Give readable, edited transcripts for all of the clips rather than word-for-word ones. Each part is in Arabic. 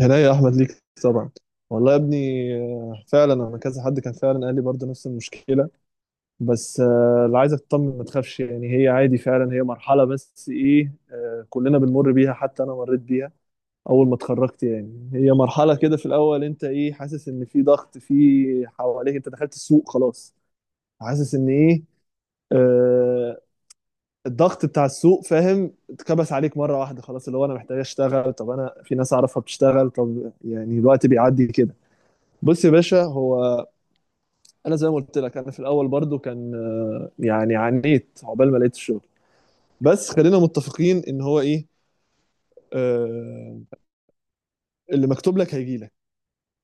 هنا يا احمد، ليك طبعا. والله يا ابني، فعلا انا كذا حد كان فعلا قال لي برضه نفس المشكله. بس اللي عايزك تطمن، ما تخافش يعني، هي عادي فعلا، هي مرحله بس ايه، كلنا بنمر بيها حتى انا مريت بيها اول ما اتخرجت، يعني هي مرحله كده في الاول. انت ايه، حاسس ان في ضغط في حواليك، انت دخلت السوق خلاص، حاسس ان ايه، آه، الضغط بتاع السوق، فاهم؟ اتكبس عليك مره واحده، خلاص اللي هو انا محتاج اشتغل، طب انا في ناس اعرفها بتشتغل، طب يعني الوقت بيعدي كده. بص يا باشا، هو انا زي ما قلت لك، انا في الاول برضو كان يعني عانيت عقبال ما لقيت الشغل. بس خلينا متفقين ان هو ايه، آه، اللي مكتوب لك هيجي لك،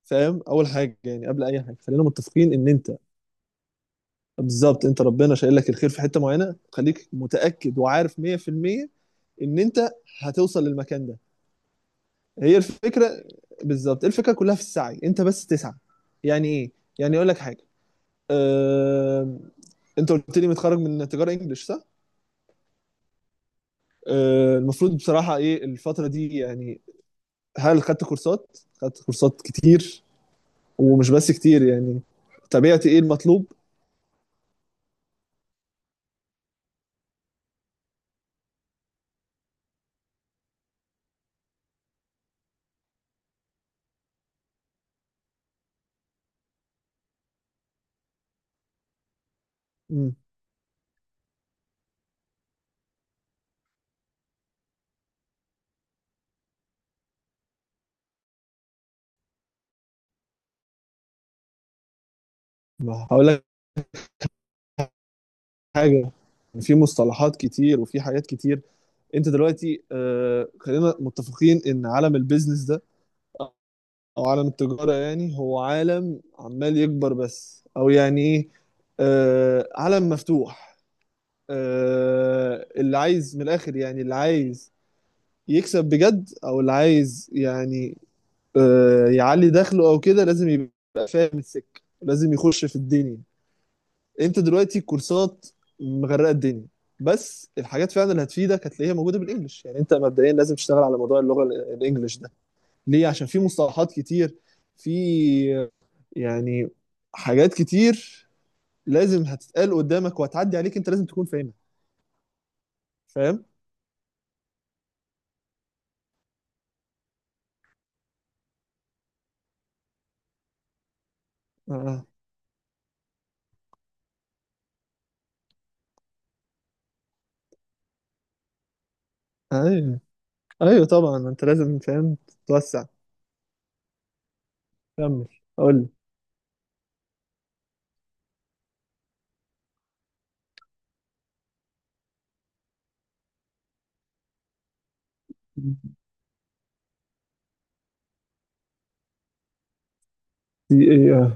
فاهم؟ اول حاجه يعني قبل اي حاجه، خلينا متفقين ان انت بالظبط، انت ربنا شايل لك الخير في حته معينه، خليك متاكد وعارف 100% ان انت هتوصل للمكان ده. هي الفكره بالظبط، الفكره كلها في السعي، انت بس تسعى. يعني ايه؟ يعني اقول لك حاجه. آه، انت قلت لي متخرج من تجاره انجلش، صح؟ المفروض بصراحة ايه الفترة دي يعني؟ هل خدت كورسات؟ خدت كورسات كتير، ومش بس كتير يعني، تابعت ايه المطلوب؟ مم، ما هقول لك حاجة، في مصطلحات كتير وفي حاجات كتير. انت دلوقتي، خلينا متفقين ان عالم البيزنس ده او عالم التجارة، يعني هو عالم عمال يكبر بس، او يعني ايه، عالم مفتوح. اللي عايز من الاخر، يعني اللي عايز يكسب بجد، او اللي عايز يعني يعلي دخله او كده، لازم يبقى فاهم السكه، لازم يخش في الدنيا. انت دلوقتي الكورسات مغرقه الدنيا، بس الحاجات فعلا اللي هتفيدك هتلاقيها موجوده بالانجلش. يعني انت مبدئيا لازم تشتغل على موضوع اللغه الانجليش ده، ليه؟ عشان في مصطلحات كتير، في آه، يعني حاجات كتير لازم هتتقال قدامك وهتعدي عليك، انت لازم تكون فاهمها، فاهم؟ آه. ايوه. ايوه طبعا، انت لازم فاهم توسع. كمل، قول لي. دي ايه؟ اه.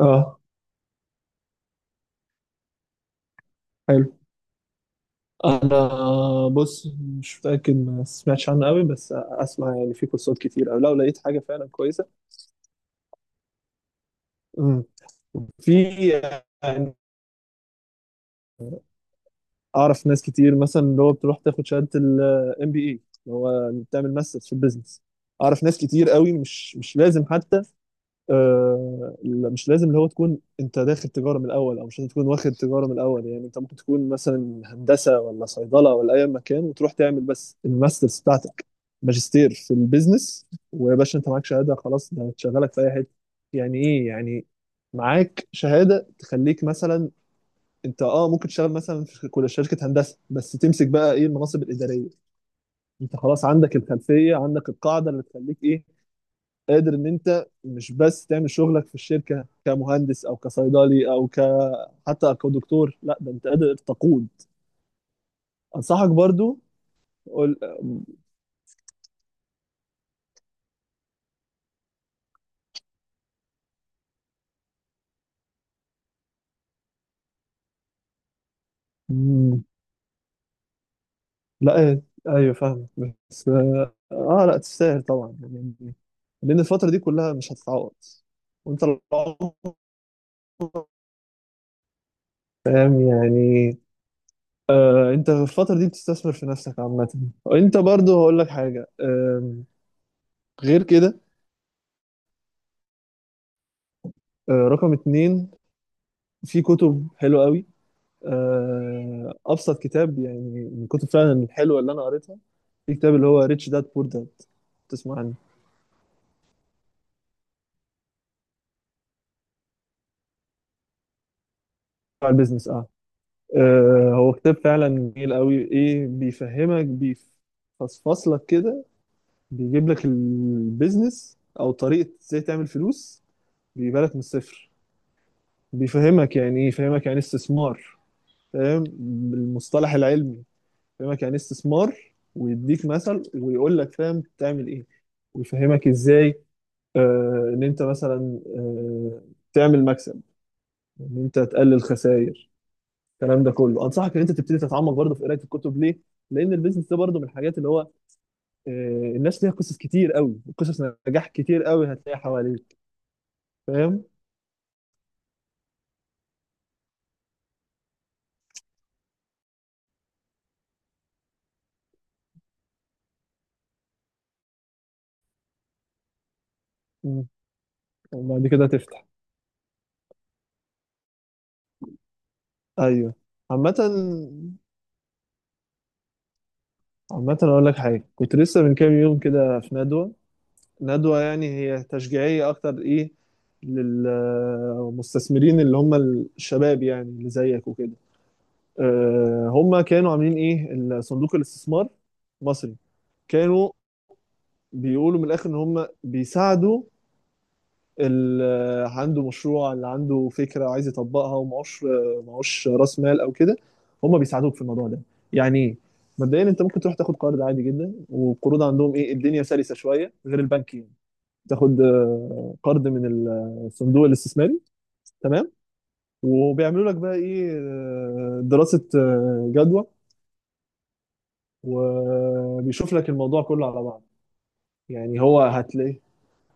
آه، حلو. انا بص، مش متاكد، ما سمعتش عنه قوي، بس اسمع يعني، في كورسات كتير، او لو لقيت حاجه فعلا كويسه. مم. في يعني، اعرف ناس كتير مثلا اللي هو بتروح تاخد شهاده MBA، اللي هو بتعمل ماسترز في البيزنس. اعرف ناس كتير قوي مش لازم حتى، مش لازم اللي هو تكون انت داخل تجاره من الاول، او مش لازم تكون واخد تجاره من الاول. يعني انت ممكن تكون مثلا هندسه، ولا صيدله، ولا اي مكان، وتروح تعمل بس الماسترز بتاعتك، ماجستير في البيزنس. ويا باشا انت معاك شهاده خلاص، ده هتشغلك في اي حته. يعني ايه يعني، معاك شهاده تخليك مثلا، انت اه ممكن تشتغل مثلا في كل شركه هندسه، بس تمسك بقى ايه، المناصب الاداريه. انت خلاص عندك الخلفيه، عندك القاعده اللي تخليك ايه، قادر ان انت مش بس تعمل شغلك في الشركه كمهندس او كصيدلي او ك حتى كدكتور، لا ده انت قادر تقود. انصحك برضو. قول. مم، لا إيه، ايوه فاهم. بس اه لا تستاهل طبعا يعني، لان الفتره دي كلها مش هتتعوض وانت العمر، فاهم يعني؟ انت في الفتره دي بتستثمر في نفسك عامه. وانت برضو هقول لك حاجه غير كده، رقم 2، في كتب حلوه قوي. ابسط كتاب يعني، من الكتب فعلا الحلوه اللي انا قريتها، في كتاب اللي هو ريتش داد بور داد، تسمع عنه؟ بتاع البيزنس اه. هو كتاب فعلا جميل قوي، ايه، بيفهمك، بيفصفصلك كده، بيجيب لك البيزنس، او طريقه ازاي تعمل فلوس، بيجيبها لك من الصفر. بيفهمك يعني ايه، يفهمك يعني إيه استثمار، فاهم، بالمصطلح العلمي، يفهمك يعني إيه استثمار، ويديك مثل، ويقول لك فاهم تعمل ايه، ويفهمك ازاي ان انت مثلا تعمل مكسب، ان انت تقلل خسائر. الكلام ده كله، انصحك ان انت تبتدي تتعمق برضه في قرايه الكتب، ليه؟ لان البيزنس ده برضه من الحاجات اللي هو الناس ليها قصص كتير قوي، قصص نجاح كتير قوي هتلاقيها حواليك. فاهم؟ مم. وبعد كده تفتح. ايوه. عامه عامه اقول لك حاجه، كنت لسه من كام يوم كده في ندوه، ندوه يعني هي تشجيعيه اكتر، ايه، للمستثمرين اللي هم الشباب، يعني اللي زيك وكده. هم كانوا عاملين ايه، صندوق الاستثمار مصري، كانوا بيقولوا من الاخر ان هم بيساعدوا اللي عنده مشروع، اللي عنده فكره وعايز يطبقها ومعوش، معوش راس مال او كده، هم بيساعدوك في الموضوع ده. يعني ايه؟ مبدئيا انت ممكن تروح تاخد قرض عادي جدا، والقروض عندهم ايه، الدنيا سلسه شويه غير البنك يعني، تاخد قرض من الصندوق الاستثماري، تمام. وبيعملوا لك بقى ايه، دراسه جدوى، وبيشوف لك الموضوع كله على بعض. يعني هو هتلاقيه،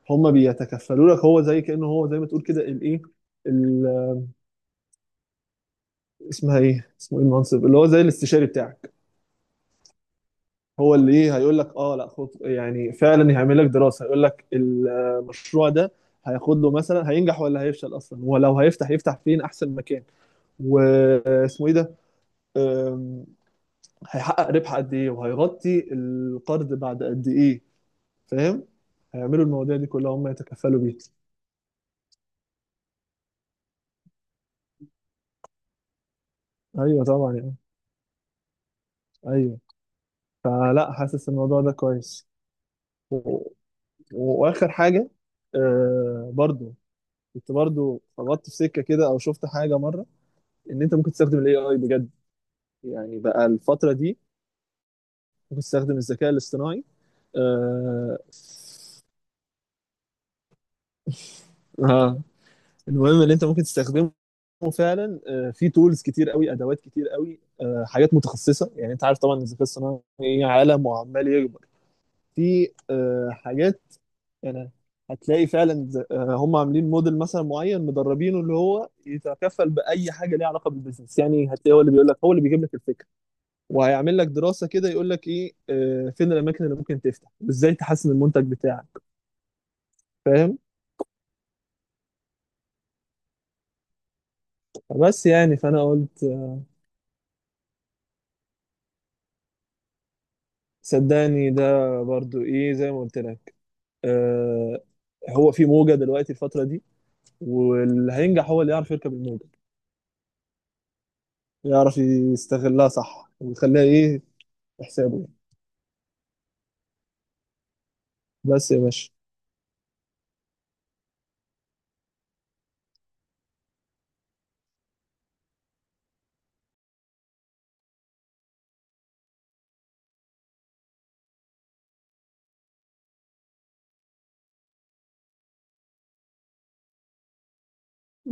هم بيتكفلوا لك، هو زي ما تقول كده الايه، ال- اسمه ايه، المنصب اللي هو زي الاستشاري بتاعك. هو اللي ايه، هيقول لك اه لا خد، يعني فعلا هيعمل لك دراسة، هيقول لك المشروع ده هياخد له مثلا، هينجح ولا هيفشل اصلا، ولو هيفتح يفتح فين احسن مكان، واسمه ايه ده، أم، هيحقق ربح قد ايه وهيغطي القرض بعد قد ايه، فاهم؟ هيعملوا المواضيع دي كلها، هم يتكفلوا بيها. ايوه طبعا يعني. ايوه. فلا حاسس الموضوع ده كويس. و... واخر حاجه برضو، كنت برضو خبطت في سكه كده او شفت حاجه مره ان انت ممكن تستخدم AI بجد، يعني بقى الفتره دي ممكن تستخدم الذكاء الاصطناعي. آه... اه، المهم ان انت ممكن تستخدمه فعلا. في تولز كتير قوي، ادوات كتير قوي، حاجات متخصصه. يعني انت عارف طبعا الذكاء الصناعي عالم وعمال يكبر، في حاجات، يعني هتلاقي فعلا هم عاملين موديل مثلا معين مدربينه اللي هو يتكفل باي حاجه ليها علاقه بالبيزنس، يعني هتلاقي هو اللي بيقول لك، هو اللي بيجيب لك الفكره، وهيعمل لك دراسه كده، يقول لك ايه، فين الاماكن اللي ممكن تفتح، وازاي تحسن المنتج بتاعك، فاهم؟ بس يعني، فانا قلت صدقني ده برضو ايه، زي ما قلت لك، آه هو في موجه دلوقتي الفتره دي، واللي هينجح هو اللي يعرف يركب الموجه، يعرف يستغلها صح ويخليها ايه، في حسابه يعني. بس يا باشا.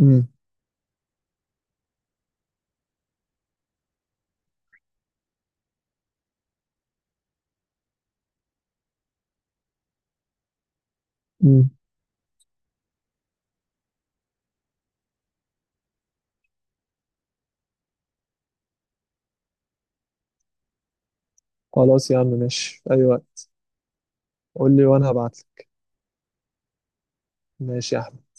امم خلاص يا عم، ماشي، أيوة، قول لي وأنا هبعتلك، ماشي يا أحمد.